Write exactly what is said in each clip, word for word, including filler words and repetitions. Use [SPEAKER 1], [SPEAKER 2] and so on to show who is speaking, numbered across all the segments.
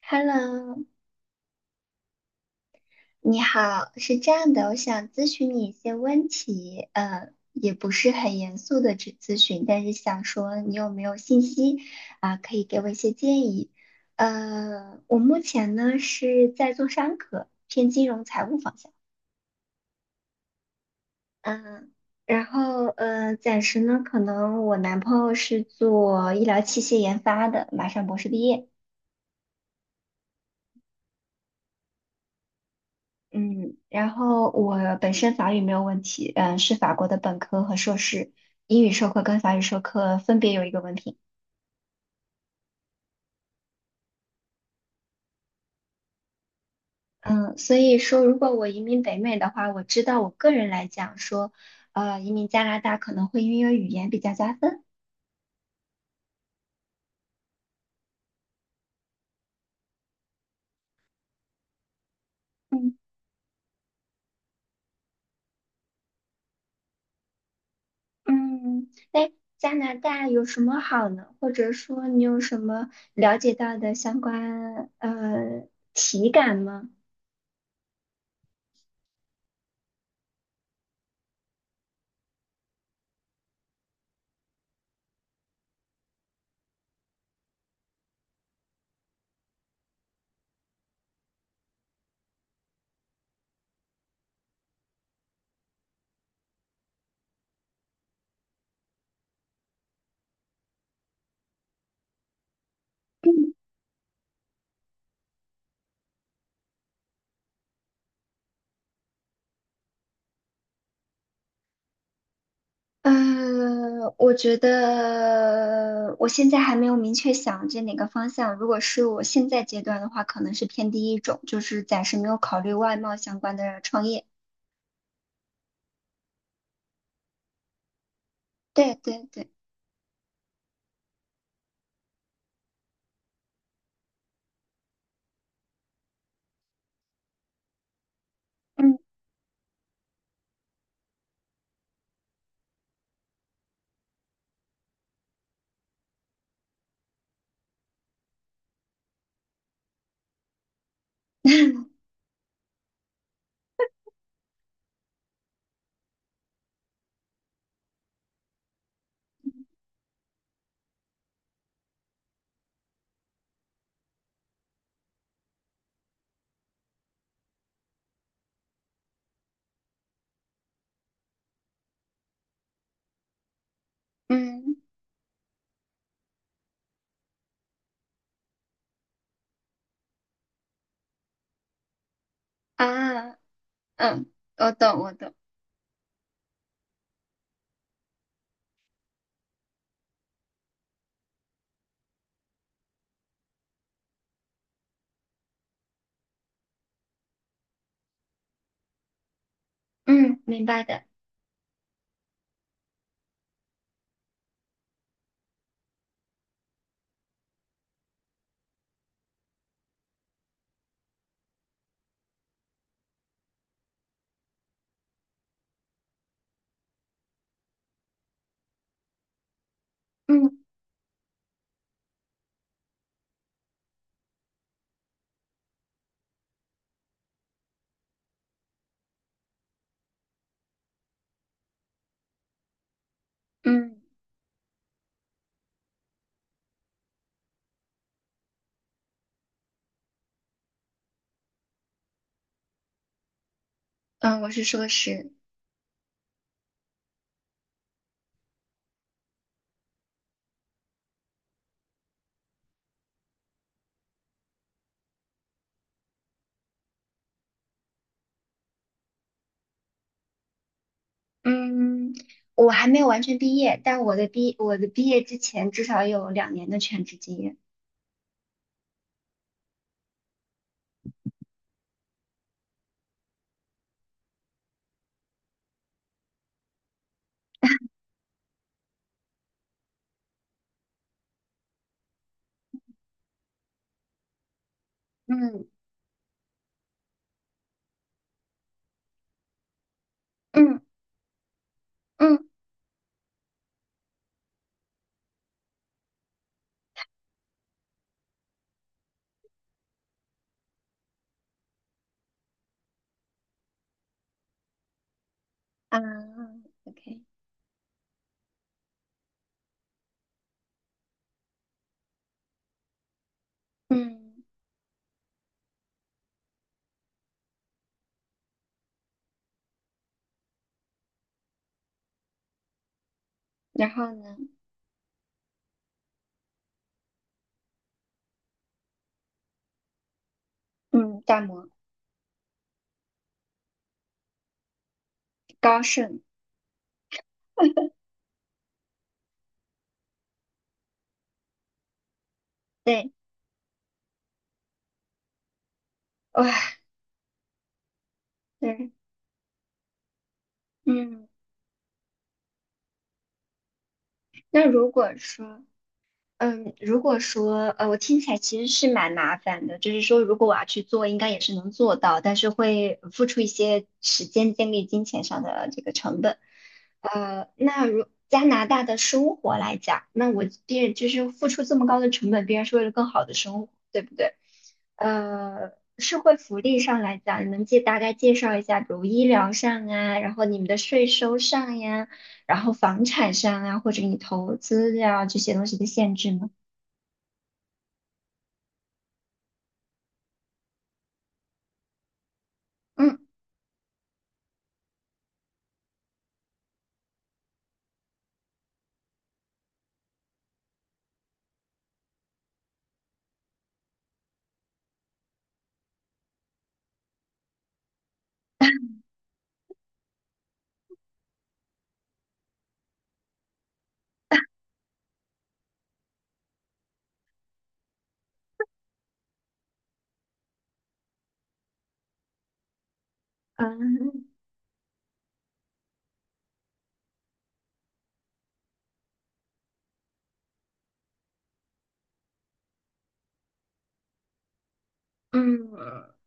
[SPEAKER 1] Hello，你好，是这样的，我想咨询你一些问题，呃，也不是很严肃的咨咨询，但是想说你有没有信息啊，可以给我一些建议。呃，我目前呢是在做商科，偏金融财务方向，嗯，然后呃，暂时呢，可能我男朋友是做医疗器械研发的，马上博士毕业。嗯，然后我本身法语没有问题，嗯，是法国的本科和硕士，英语授课跟法语授课分别有一个文凭，嗯，所以说如果我移民北美的话，我知道我个人来讲说，呃，移民加拿大可能会因为语言比较加分，嗯嗯，那加拿大有什么好呢？或者说你有什么了解到的相关呃体感吗？嗯，我觉得我现在还没有明确想着哪个方向。如果是我现在阶段的话，可能是偏第一种，就是暂时没有考虑外贸相关的创业。对对对，嗯嗯啊嗯，我懂我懂，嗯，明白的，嗯嗯嗯，我是硕士，嗯，我还没有完全毕业，但我的毕我的毕业之前至少有两年的全职经验。嗯嗯嗯啊，OK。嗯，然后呢？嗯，大摩、高盛，对，哇，对，嗯，那如果说，嗯，如果说呃，我听起来其实是蛮麻烦的，就是说如果我要去做，应该也是能做到，但是会付出一些时间、精力、金钱上的这个成本。呃，那如加拿大的生活来讲，那我必然就是付出这么高的成本，必然是为了更好的生活，对不对？呃，社会福利上来讲，你能介大概介绍一下，比如医疗上啊，然后你们的税收上呀？然后房产上啊，或者你投资呀、这些东西的限制呢？嗯嗯嗯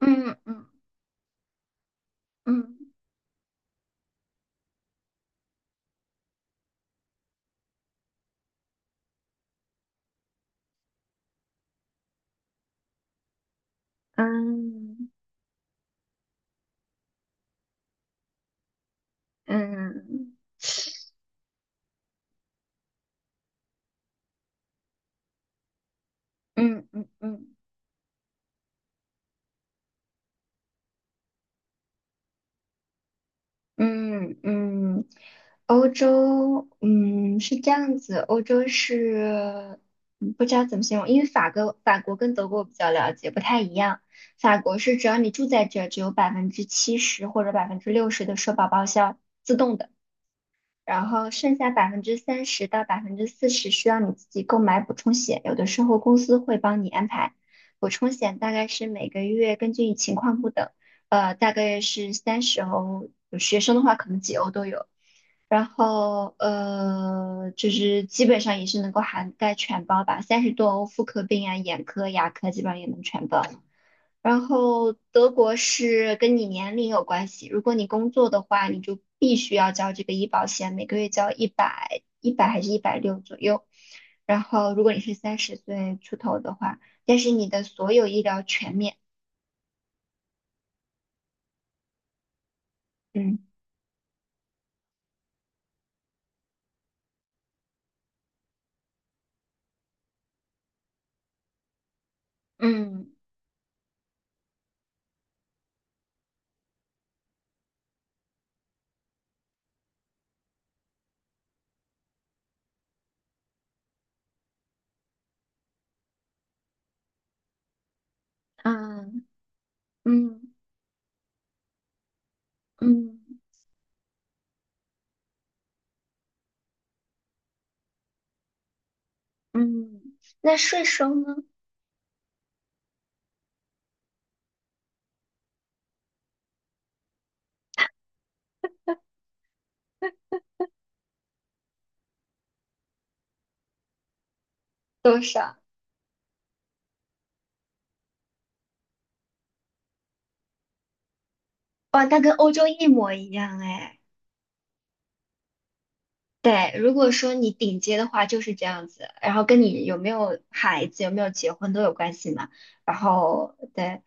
[SPEAKER 1] 嗯嗯嗯嗯嗯嗯嗯嗯嗯嗯，欧洲，嗯，是这样子，欧洲是，嗯不知道怎么形容，因为法国法国跟德国我比较了解，不太一样。法国是只要你住在这儿，只有百分之七十或者百分之六十的社保报销，自动的。然后剩下百分之三十到百分之四十需要你自己购买补充险，有的时候公司会帮你安排。补充险大概是每个月根据情况不等，呃，大概是三十欧，有学生的话可能几欧都有。然后呃，就是基本上也是能够涵盖全包吧，三十多欧妇科病啊、眼科、牙科基本上也能全包。然后德国是跟你年龄有关系，如果你工作的话，你就必须要交这个医保险，每个月交一百一百还是一百六左右。然后如果你是三十岁出头的话，但是你的所有医疗全免。嗯嗯嗯嗯嗯嗯，那税收呢？多少？哇，那跟欧洲一模一样哎。对，如果说你顶尖的话就是这样子，然后跟你有没有孩子、有没有结婚都有关系嘛。然后对，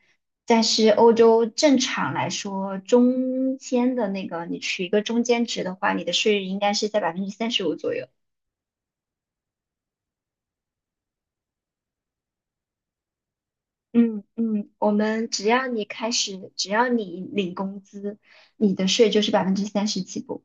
[SPEAKER 1] 但是欧洲正常来说，中间的那个你取一个中间值的话，你的税率应该是在百分之三十五左右。嗯嗯，我们只要你开始，只要你领工资，你的税就是百分之三十起步。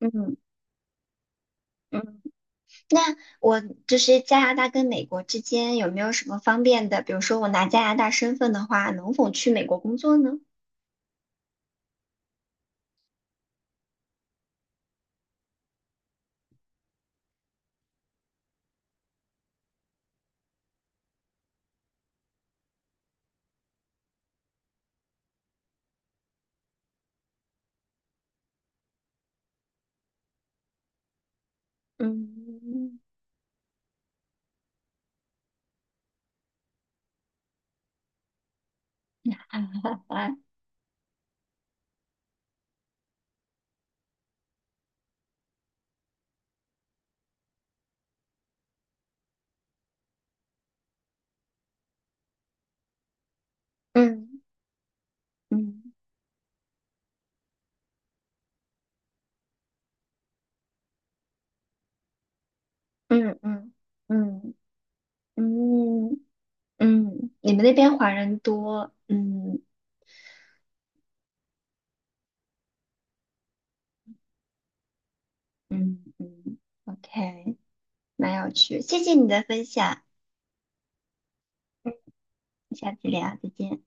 [SPEAKER 1] 嗯嗯。那我就是加拿大跟美国之间有没有什么方便的？比如说我拿加拿大身份的话，能否去美国工作呢？嗯，嗯嗯嗯嗯嗯嗯嗯嗯，你们那边华人多，嗯嗯嗯，OK，蛮有趣，谢谢你的分享，下次聊，再见。